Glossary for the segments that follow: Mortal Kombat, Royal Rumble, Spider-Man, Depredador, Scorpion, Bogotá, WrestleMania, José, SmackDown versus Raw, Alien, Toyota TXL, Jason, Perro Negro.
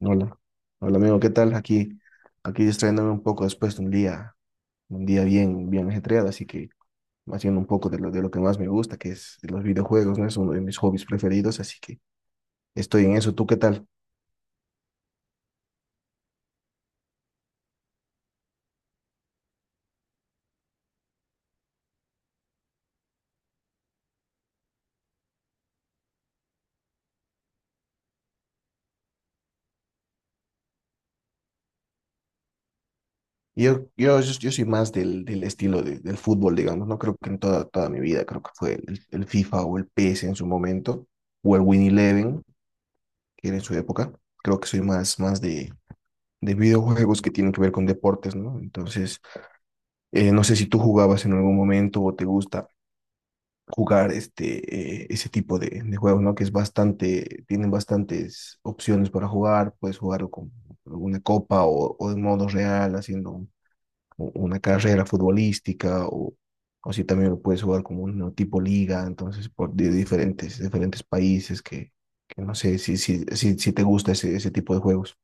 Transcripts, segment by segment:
Hola, hola amigo, ¿qué tal? Aquí distrayéndome un poco después de un día bien, bien ajetreado, así que haciendo un poco de lo que más me gusta, que es los videojuegos, ¿no? Es uno de mis hobbies preferidos, así que estoy en eso. ¿Tú qué tal? Yo soy más del estilo del fútbol, digamos. No creo que en toda mi vida, creo que fue el FIFA o el PS en su momento, o el Win Eleven, que era en su época. Creo que soy más de videojuegos que tienen que ver con deportes, ¿no? Entonces, no sé si tú jugabas en algún momento o te gusta jugar ese tipo de juegos, ¿no? Que es bastante, tienen bastantes opciones para jugar. Puedes jugar con una copa o de modo real, haciendo una carrera futbolística, o si también lo puedes jugar como un tipo liga. Entonces por de diferentes países, que no sé si te gusta ese tipo de juegos.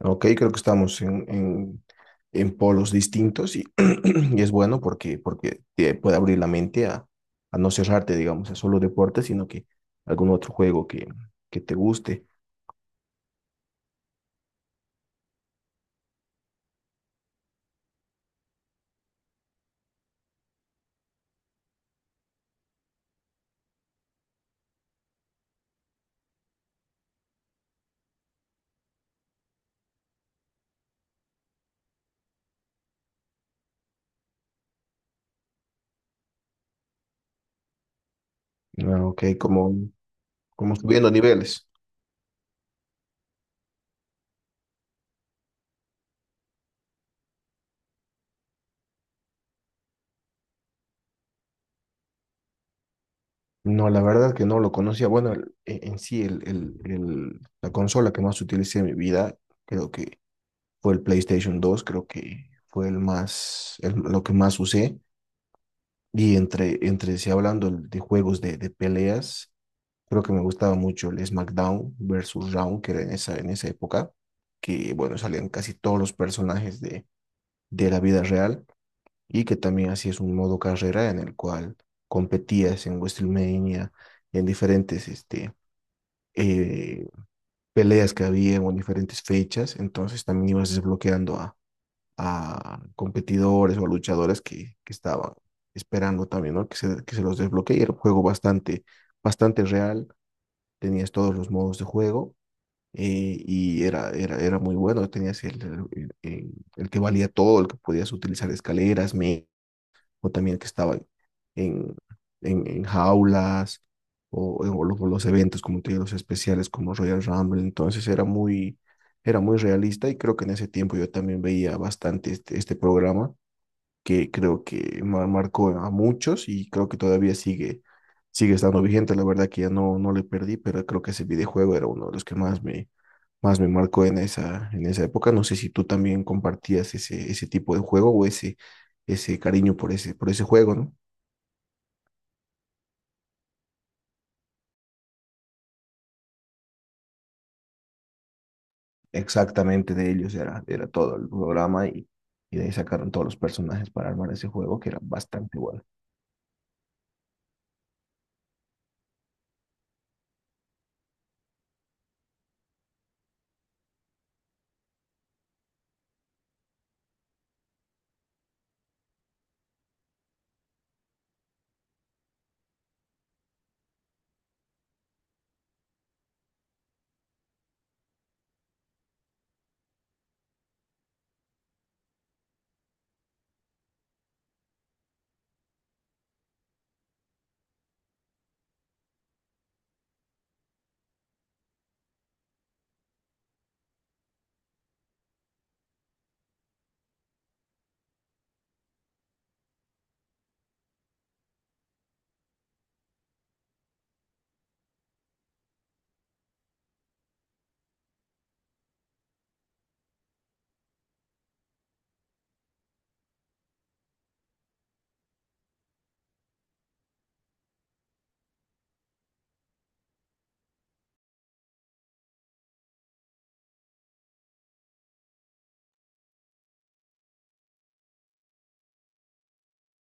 Ok, creo que estamos en polos distintos y es bueno, porque te puede abrir la mente a no cerrarte, digamos, a solo deporte, sino que algún otro juego que te guste. Ah, Ok, como subiendo niveles. No, la verdad que no lo conocía. Bueno, en sí, la consola que más utilicé en mi vida, creo que fue el PlayStation 2. Creo que fue el más, lo que más usé. Y entre sí, hablando de juegos de peleas, creo que me gustaba mucho el SmackDown versus Raw, que era en esa época, que bueno, salían casi todos los personajes de la vida real, y que también así es un modo carrera en el cual competías en WrestleMania, en diferentes eh, peleas que había o en diferentes fechas. Entonces también ibas desbloqueando a competidores o a luchadores que estaban esperando también, ¿no? Que se los desbloquee. Era un juego bastante, bastante real. Tenías todos los modos de juego, y era muy bueno. Tenías el, el- el que valía todo, el que podías utilizar escaleras, o también que estaban en, en jaulas, o los eventos, como te digo, los especiales como Royal Rumble. Entonces era muy realista, y creo que en ese tiempo yo también veía bastante este programa, que creo que marcó a muchos, y creo que todavía sigue estando vigente. La verdad que ya no, no le perdí, pero creo que ese videojuego era uno de los que más me marcó en esa época. No sé si tú también compartías ese tipo de juego, o ese cariño por ese juego, ¿no? Exactamente de ellos era todo el programa, y de ahí sacaron todos los personajes para armar ese juego, que era bastante bueno.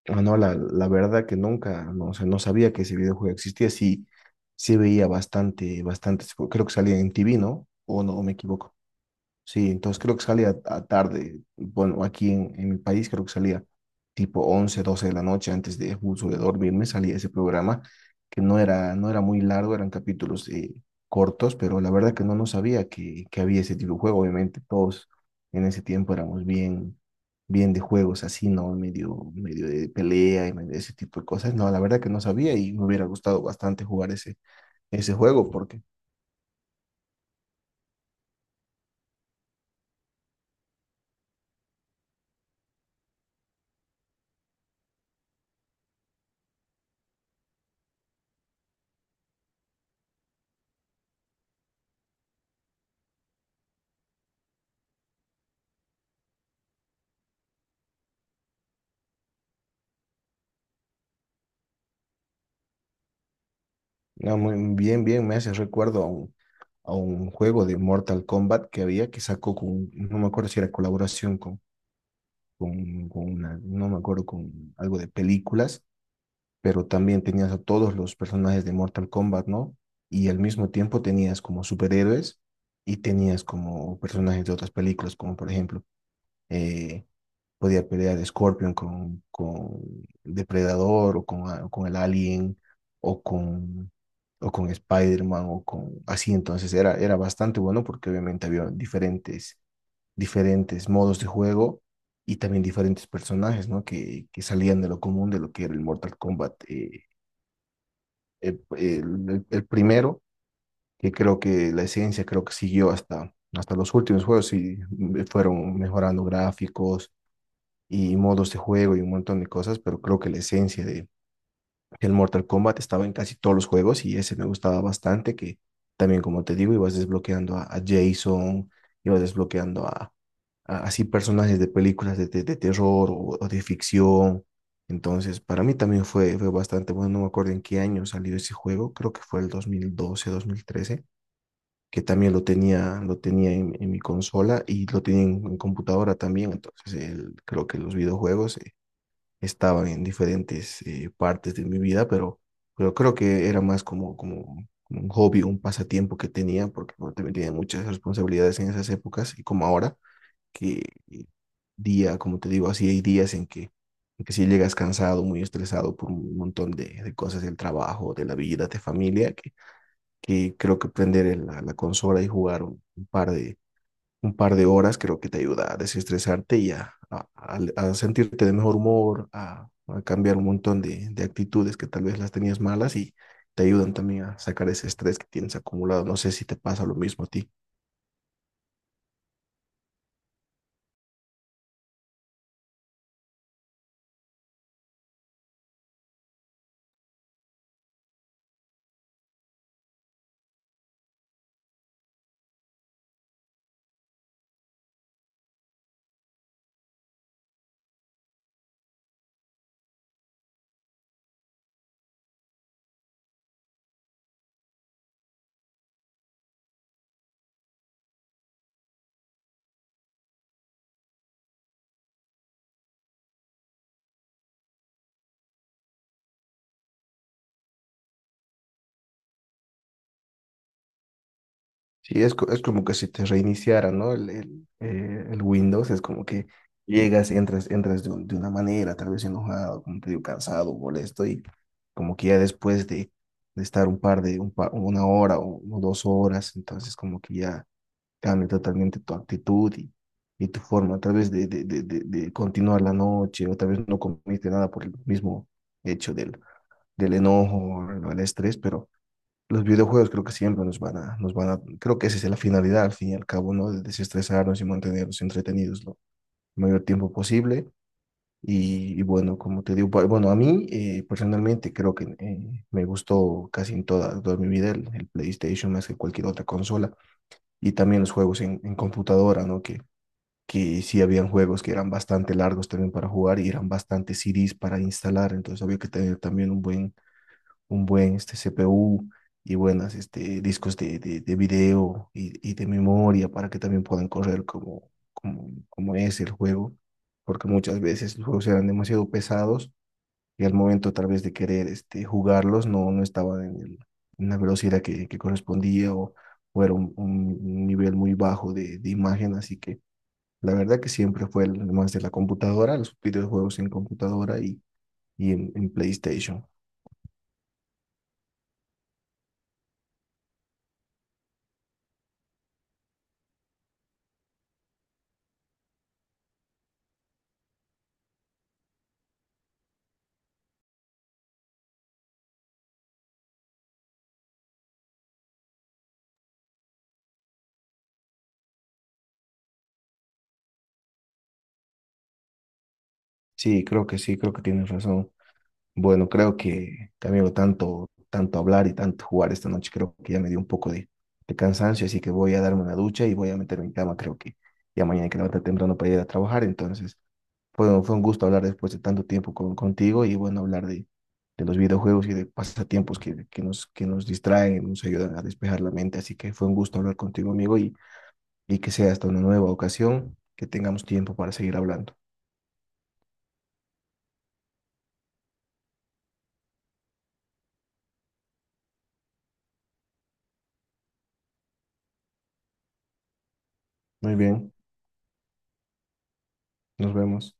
Ah, no, la verdad que nunca, no, o sea, no sabía que ese videojuego existía. Sí, sí veía bastante, bastantes, creo que salía en TV, ¿no? O no, o me equivoco. Sí, entonces creo que salía a tarde. Bueno, aquí en mi país creo que salía tipo 11, 12 de la noche, antes de justo de dormirme. Salía ese programa, que no era muy largo, eran capítulos cortos, pero la verdad que no, no sabía que había ese tipo de juego. Obviamente todos en ese tiempo éramos bien, bien de juegos así, ¿no? Medio, medio de pelea y medio de ese tipo de cosas. No, la verdad que no sabía, y me hubiera gustado bastante jugar ese juego porque… No, muy bien, bien, me hace recuerdo a un juego de Mortal Kombat que había, que sacó con, no me acuerdo si era colaboración con una, no me acuerdo, con algo de películas, pero también tenías a todos los personajes de Mortal Kombat, ¿no? Y al mismo tiempo tenías como superhéroes, y tenías como personajes de otras películas. Como por ejemplo, eh, podía pelear Scorpion con Depredador, o con el Alien, o con Spider-Man, o con así. Entonces era bastante bueno, porque obviamente había diferentes modos de juego, y también diferentes personajes, ¿no? Que salían de lo común de lo que era el Mortal Kombat. El, el primero, que creo que la esencia creo que siguió hasta los últimos juegos, y fueron mejorando gráficos y modos de juego y un montón de cosas. Pero creo que la esencia de el Mortal Kombat estaba en casi todos los juegos, y ese me gustaba bastante. Que también como te digo, ibas desbloqueando a Jason, ibas desbloqueando así personajes de películas de terror, o de ficción. Entonces, para mí también fue bastante bueno. No me acuerdo en qué año salió ese juego, creo que fue el 2012 2013, que también lo tenía en mi consola, y lo tenía en computadora también. Entonces, creo que los videojuegos estaban en diferentes partes de mi vida, pero creo que era más como un hobby, un pasatiempo que tenía. Porque bueno, también tenía muchas responsabilidades en esas épocas, y como ahora, que eh, día, como te digo, así hay días en que si llegas cansado, muy estresado por un montón de cosas del trabajo, de la vida, de familia, que creo que prender la consola y jugar un par de horas creo que te ayuda a desestresarte, y a sentirte de mejor humor, a cambiar un montón de actitudes que tal vez las tenías malas, y te ayudan también a sacar ese estrés que tienes acumulado. No sé si te pasa lo mismo a ti. Sí, es como que si te reiniciara, ¿no? El Windows, es como que llegas, entras de una manera tal vez enojado, como te digo, cansado, molesto, y como que ya después de estar un par de, un pa- una hora o 2 horas, entonces como que ya cambia totalmente tu actitud, y tu forma tal vez de continuar la noche, o tal vez no comiste nada por el mismo hecho del enojo, o el estrés. Pero los videojuegos, creo que siempre creo que esa es la finalidad al fin y al cabo, ¿no? De desestresarnos y mantenernos entretenidos lo mayor tiempo posible. Y bueno, como te digo, a mí personalmente creo que me gustó casi en toda mi vida el PlayStation, más que cualquier otra consola, y también los juegos en computadora, ¿no? Que sí habían juegos que eran bastante largos también para jugar, y eran bastante CDs para instalar. Entonces había que tener también un buen, CPU, y buenas discos de video y de memoria, para que también puedan correr como es el juego, porque muchas veces los juegos eran demasiado pesados, y al momento tal vez de querer jugarlos no, no estaban en la velocidad que correspondía, o era un nivel muy bajo de imagen. Así que la verdad que siempre fue el más de la computadora, los videojuegos en computadora, y en PlayStation. Sí, creo que tienes razón. Bueno, creo amigo, tanto hablar y tanto jugar esta noche, creo que ya me dio un poco de cansancio, así que voy a darme una ducha y voy a meterme en cama. Creo que ya mañana hay que levantar temprano para ir a trabajar. Entonces, fue un gusto hablar después de tanto tiempo contigo, y bueno, hablar de los videojuegos y de pasatiempos que nos distraen y nos ayudan a despejar la mente. Así que fue un gusto hablar contigo, amigo, y que sea hasta una nueva ocasión, que tengamos tiempo para seguir hablando. Muy bien, nos vemos.